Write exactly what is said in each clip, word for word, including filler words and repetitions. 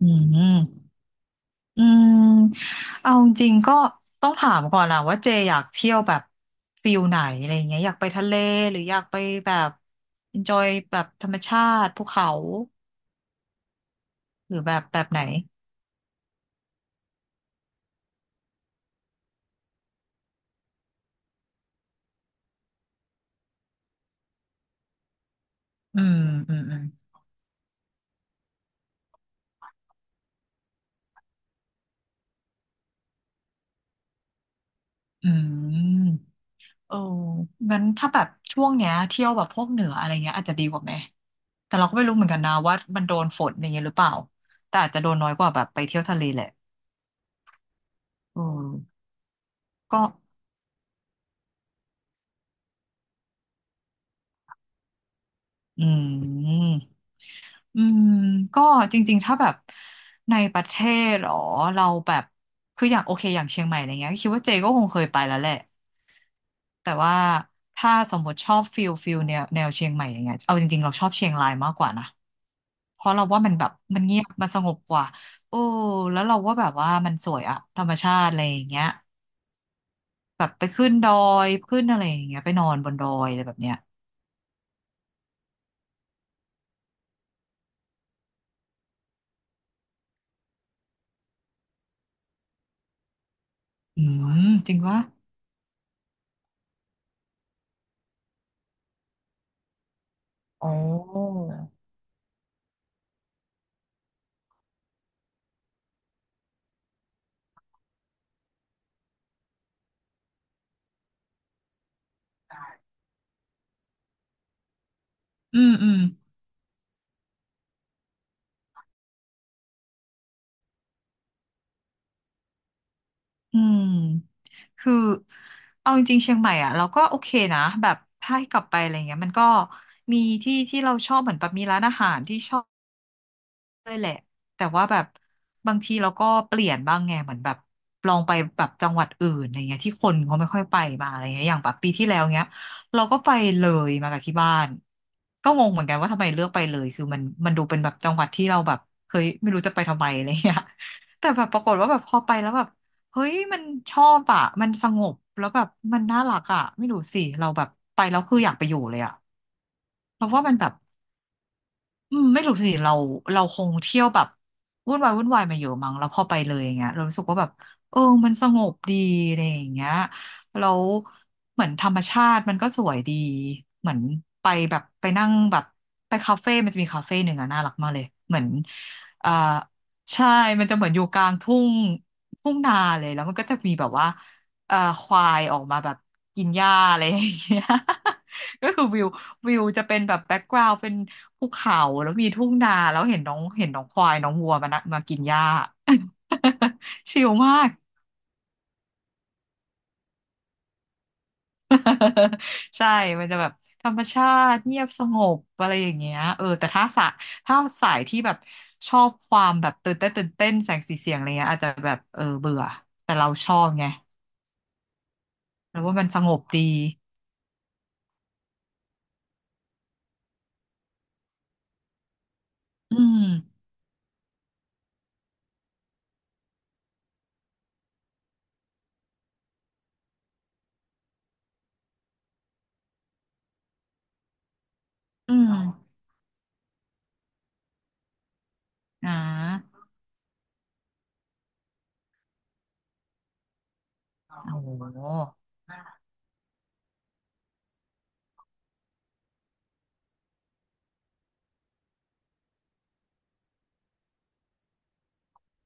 อืมอืมเอาจริงๆก็ต้องถามก่อนนะว่าเจอยากเที่ยวแบบฟิลไหนอะไรอย่างเงี้ยอยากไปทะเลหรืออยากไปแบบ enjoy แบบธรรมชาติภูเขาหรือแบบแบบไหนอืมอืมอืมอืมโอ้งั้นถ้าแบบช่วงเนี้ยเที่ยวแบบพวกเหนืออะไรเงี้ยอาจจะดีกว่าไหมแต่เราก็ไม่รู้เหมือนกันนะว่ามันโดนฝนอย่างเงี้ยหรือเปล่าแต่อาจจะโดนน้อยกว่าแบบไปเที่ยวทะเลแหละอืมก็อืม อืมก็จริงๆถ้าแบบในประเทศหรอเราแบบคืออย่างโอเคอย่างเชียงใหม่อะไรเงี้ยคิดว่าเจก็คงเคยไปแล้วแหละแต่ว่าถ้าสมมติชอบฟิลฟิลแนวแนวเชียงใหม่อย่างเงี้ยเอาจริงๆเราชอบเชียงรายมากกว่านะเพราะเราว่ามันแบบมันเงียบมันสงบกว่าโอ้แล้วเราว่าแบบว่ามันสวยอะธรรมชาติอะไรอย่างเงี้ยแบบไปขึ้นดอยขึ้นอะไรอย่างเงี้ยไปนอนบนดอยอะไรแบบเนี้ยอืมจริงวะโอ้อืมอืม อืมคือเอาจริงๆเชียงใหม่อ่ะเราก็โอเคนะแบบถ้าให้กลับไปอะไรเงี้ยมันก็มีที่ที่เราชอบเหมือนแบบมีร้านอาหารที่ชอบ ด้วยแหละแต่ว่าแบบบางทีเราก็เปลี่ยนบ้างไงเหมือนแบบลองไปแบบจังหวัดอื่นอะไรเงี้ยที่คนเขาไม่ค่อยไปมาอะไรเงี้ยอย่างแบบปีที่แล้วเงี้ยเราก็ไปเลยมากับที่บ้านก็งงเหมือนกันว่าทำไมเลือกไปเลยคือมันมันดูเป็นแบบจังหวัดที่เราแบบเฮ้ยไม่รู้จะไปทำไมอะไรเงี้ย แต่แบบปรากฏว่าแบบพอไปแล้วแบบเฮ้ยมันชอบอ่ะมันสงบแล้วแบบมันน่ารักอ่ะไม่รู้สิเราแบบไปแล้วคืออยากไปอยู่เลยอ่ะเพราะว่ามันแบบ อืมไม่รู้สิเราเราคงเที่ยวแบบวุ่นวายวุ่นวายมาเยอะมั้งแล้วพอไปเลยอย่างเงี้ยเรารู้สึกว่าแบบเออมันสงบดีอะไรอย่างเงี้ยแล้วเหมือนธรรมชาติมันก็สวยดีเหมือนไปแบบไปนั่งแบบไปคาเฟ่มันจะมีคาเฟ่หนึ่งอะน่ารักมากเลยเหมือนเอ่อใช่มันจะเหมือนอยู่กลางทุ่งทุ่งนาเลยแล้วมันก็จะมีแบบว่าเอ่อควายออกมาแบบกินหญ้าอะไรอย่างเงี้ย ก็คือวิว วิวจะเป็นแบบแบ็กกราว n ์เป็นภูเขาแล้วมีทุ่งนาแล้วเห็นน้องเห็นน้องควายน้องวัวมานะมากินหญ้า ชิลมาก ใช่มันจะแบบธรรมชาติเงียบสงบอะไรอย่างเงี้ยเออแต่ถ้าสะถ้าสายที่แบบชอบความแบบตื่นเต้นตื่นเต้นแสงสีเสียงอะไรเงี้ยอาจจะแบบเออเบื่อแต่เราชอบไงแล้วว่ามันสงบดีอืมอืมอ่าโอ้โห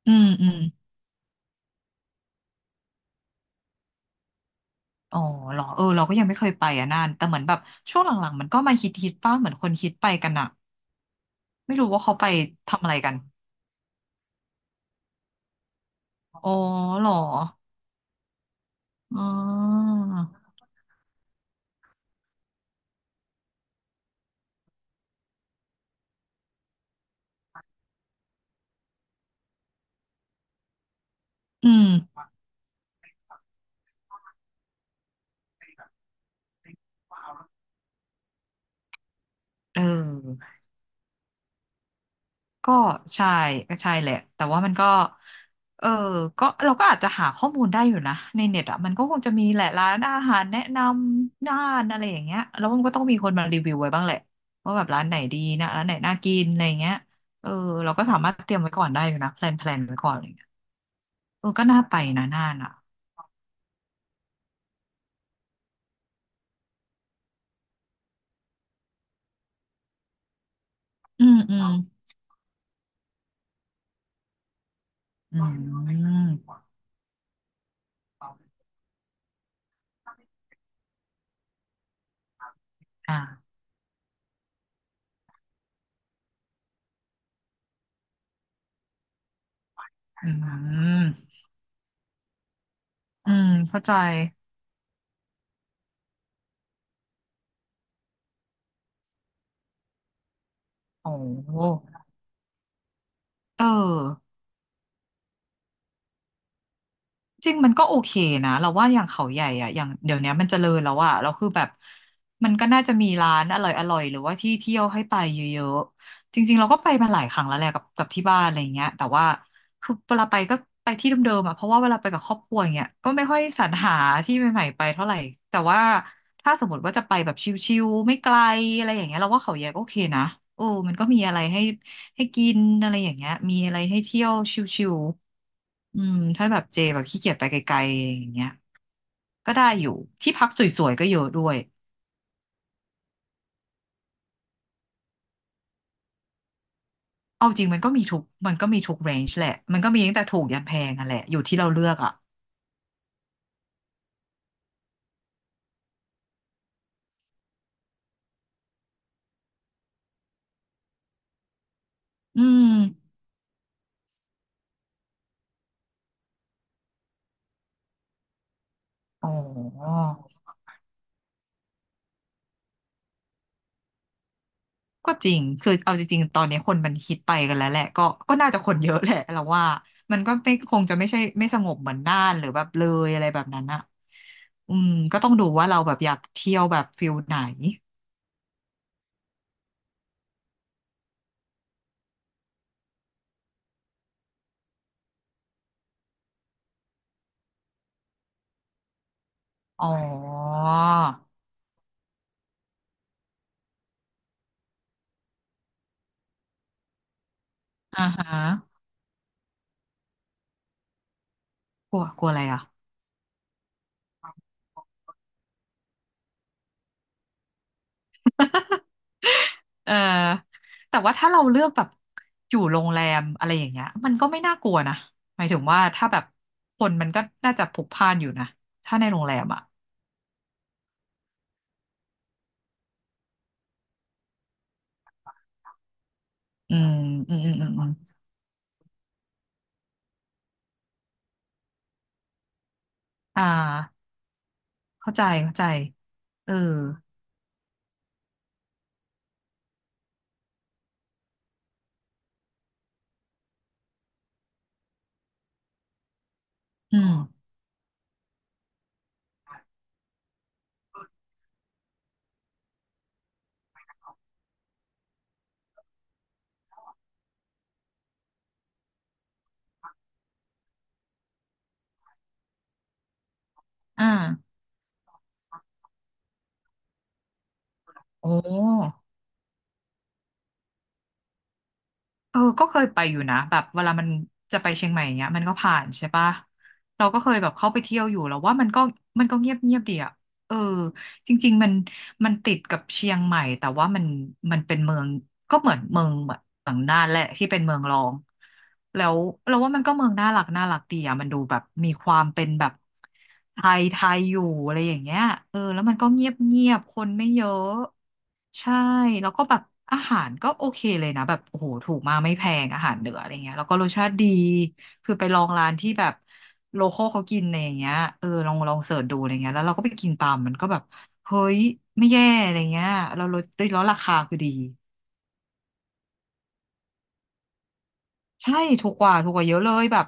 อืมอืม อ๋อเหรอเออเราก็ยังไม่เคยไปอ่ะน่านแต่เหมือนแบบช่วงหลังๆมันก็มาฮิตฮิตป้าเหมือนคนฮิตไปกันอะไม่รู้ว่าเขาไปทำอะไรกันอ๋อเหรออ๋ออืมเออก็ใช่ก็ใช่แหละแต่ว่ามันก็เออก็เราก็อาจจะหาข้อมูลได้อยู่นะในเน็ตอ่ะมันก็คงจะมีแหละร้านอาหารแนะนำน่านอะไรอย่างเงี้ยแล้วมันก็ต้องมีคนมารีวิวไว้บ้างแหละว่าแบบร้านไหนดีนะร้านไหนน่ากินอะไรอย่างเงี้ยเออเราก็สามารถเตรียมไว้ก่อนได้อยู่นะแพลนแพลนไว้ก่อน เออก็น่าไปนะน่านอ่ะอืมอืมอืมอ่าอืมอืมเข้าใจโอ้เออ จริงมันก็โอเคนะเราว่าอย่างเขาใหญ่อะอย่างเดี๋ยวเนี้ยมันเจริญแล้วอะเราคือแบบมันก็น่าจะมีร้านอร่อยอร่อยหรือว่าที่เที่ยวให้ไปเยอะๆจริงๆเราก็ไปมาหลายครั้งแล้วแหละกับกับที่บ้านอะไรเงี้ยแต่ว่าคือเวลาไปก็ไปที่เดิมๆอะเพราะว่าเวลาไปกับครอบครัวอย่างเงี้ยก็ไม่ค่อยสรรหาที่ใหม่ๆไปเท่าไหร่แต่ว่าถ้าสมมติว่าจะไปแบบชิลๆไม่ไกลอะไรอย่างเงี้ยเราว่าเขาใหญ่ก็โอเคนะโอ้มันก็มีอะไรให้ ให้กินอะไรอย่างเงี้ยมีอะไรให้เที่ยวชิวๆอืมถ้าแบบเจแบบขี้เกียจไปไกลๆอย่างเงี้ยก็ได้อยู่ที่พักสวยๆก็เยอะด้วยเอาจริงมันก็มีทุกมันก็มีทุกเรนจ์แหละมันก็มีตั้งแต่ถูกยันแพงนั่นแหละอยู่ที่เราเลือกอ่ะอืมอ๋อก็จริงคือเอาจริงๆตอนนี้คนมันฮิตไปกันแล้วแหละก็ก็น่าจะคนเยอะแหละเราว่ามันก็ไม่คงจะไม่ใช่ไม่สงบเหมือนน่านหรือแบบเลยอะไรแบบนั้นอ่ะอืมก็ต้องดูว่าเราแบบอยากเที่ยวแบบฟิลไหน อ๋ออ่าฮะกลัวกลัวอะไรอ่ะเออแต่ว่าถ้าเราเลือกแบบอยู่โรงแรมอะไรอย่างเงี้ยมันก็ไม่น่ากลัวนะหมายถึงว่าถ้าแบบคนมันก็น่าจะพลุกพล่านอยู่นะถ้าในโรงแรมอ่ะอืมอืมอืมอืมอมอ่าเข้าใจเข้าใจเอออืมอ่าโอ้เออก็เคยไปอยู่นะแบบเวลามันจะไปเชียงใหม่เนี้ยมันก็ผ่านใช่ปะเราก็เคยแบบเข้าไปเที่ยวอยู่แล้วว่ามันก็มันก็เงียบเงียบดีอะเออ จริงๆมันมันติดกับเชียงใหม่แต่ว่ามันมันเป็นเมืองก็เหมือนเมืองแบบหลังน่านแหละที่เป็นเมืองรองแล้วเราว่ามันก็เมืองน่ารักน่ารักดีอะมันดูแบบมีความเป็นแบบไทยไทยอยู่อะไรอย่างเงี้ยเออแล้วมันก็เงียบเงียบคนไม่เยอะใช่แล้วก็แบบอาหารก็โอเคเลยนะแบบโอ้โหถูกมากไม่แพงอาหารเหนืออะไรเงี้ยแล้วก็รสชาติดีคือไปลองร้านที่แบบโลคอลเขากินอะไรอย่างเงี้ยเออลองลองเสิร์ชดูอะไรเงี้ยแล้วเราก็ไปกินตามมันก็แบบ เฮ้ยไม่แย่อะไรเงี้ยเราลดได้แล้วราคาคือดีใช่ถูกกว่าถูกกว่าเยอะเลยแบบ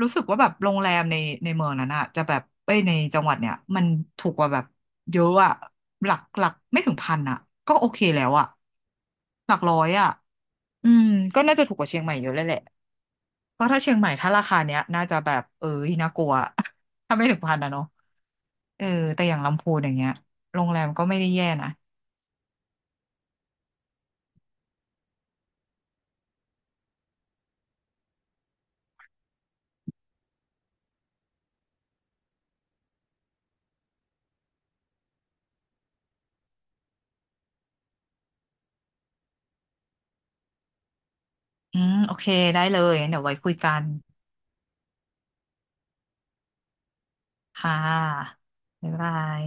รู้สึกว่าแบบโรงแรมในในเมืองนั้นอะจะแบบเอ้ยในจังหวัดเนี่ยมันถูกกว่าแบบเยอะอะหลักหลักไม่ถึงพันอะก็โอเคแล้วอะหลักร้อยอะอืมก็น่าจะถูกกว่าเชียงใหม่เยอะเลยแหละเพราะถ้าเชียงใหม่ถ้าราคาเนี้ยน่าจะแบบเอ้ยน่ากลัว ถ้าไม่ถึงพันอะเนาะเออแต่อย่างลำพูนอย่างเงี้ยโรงแรมก็ไม่ได้แย่นะอืมโอเคได้เลยงั้นเดี๋ยวไว้คุยกัน ค่ะบ๊ายบาย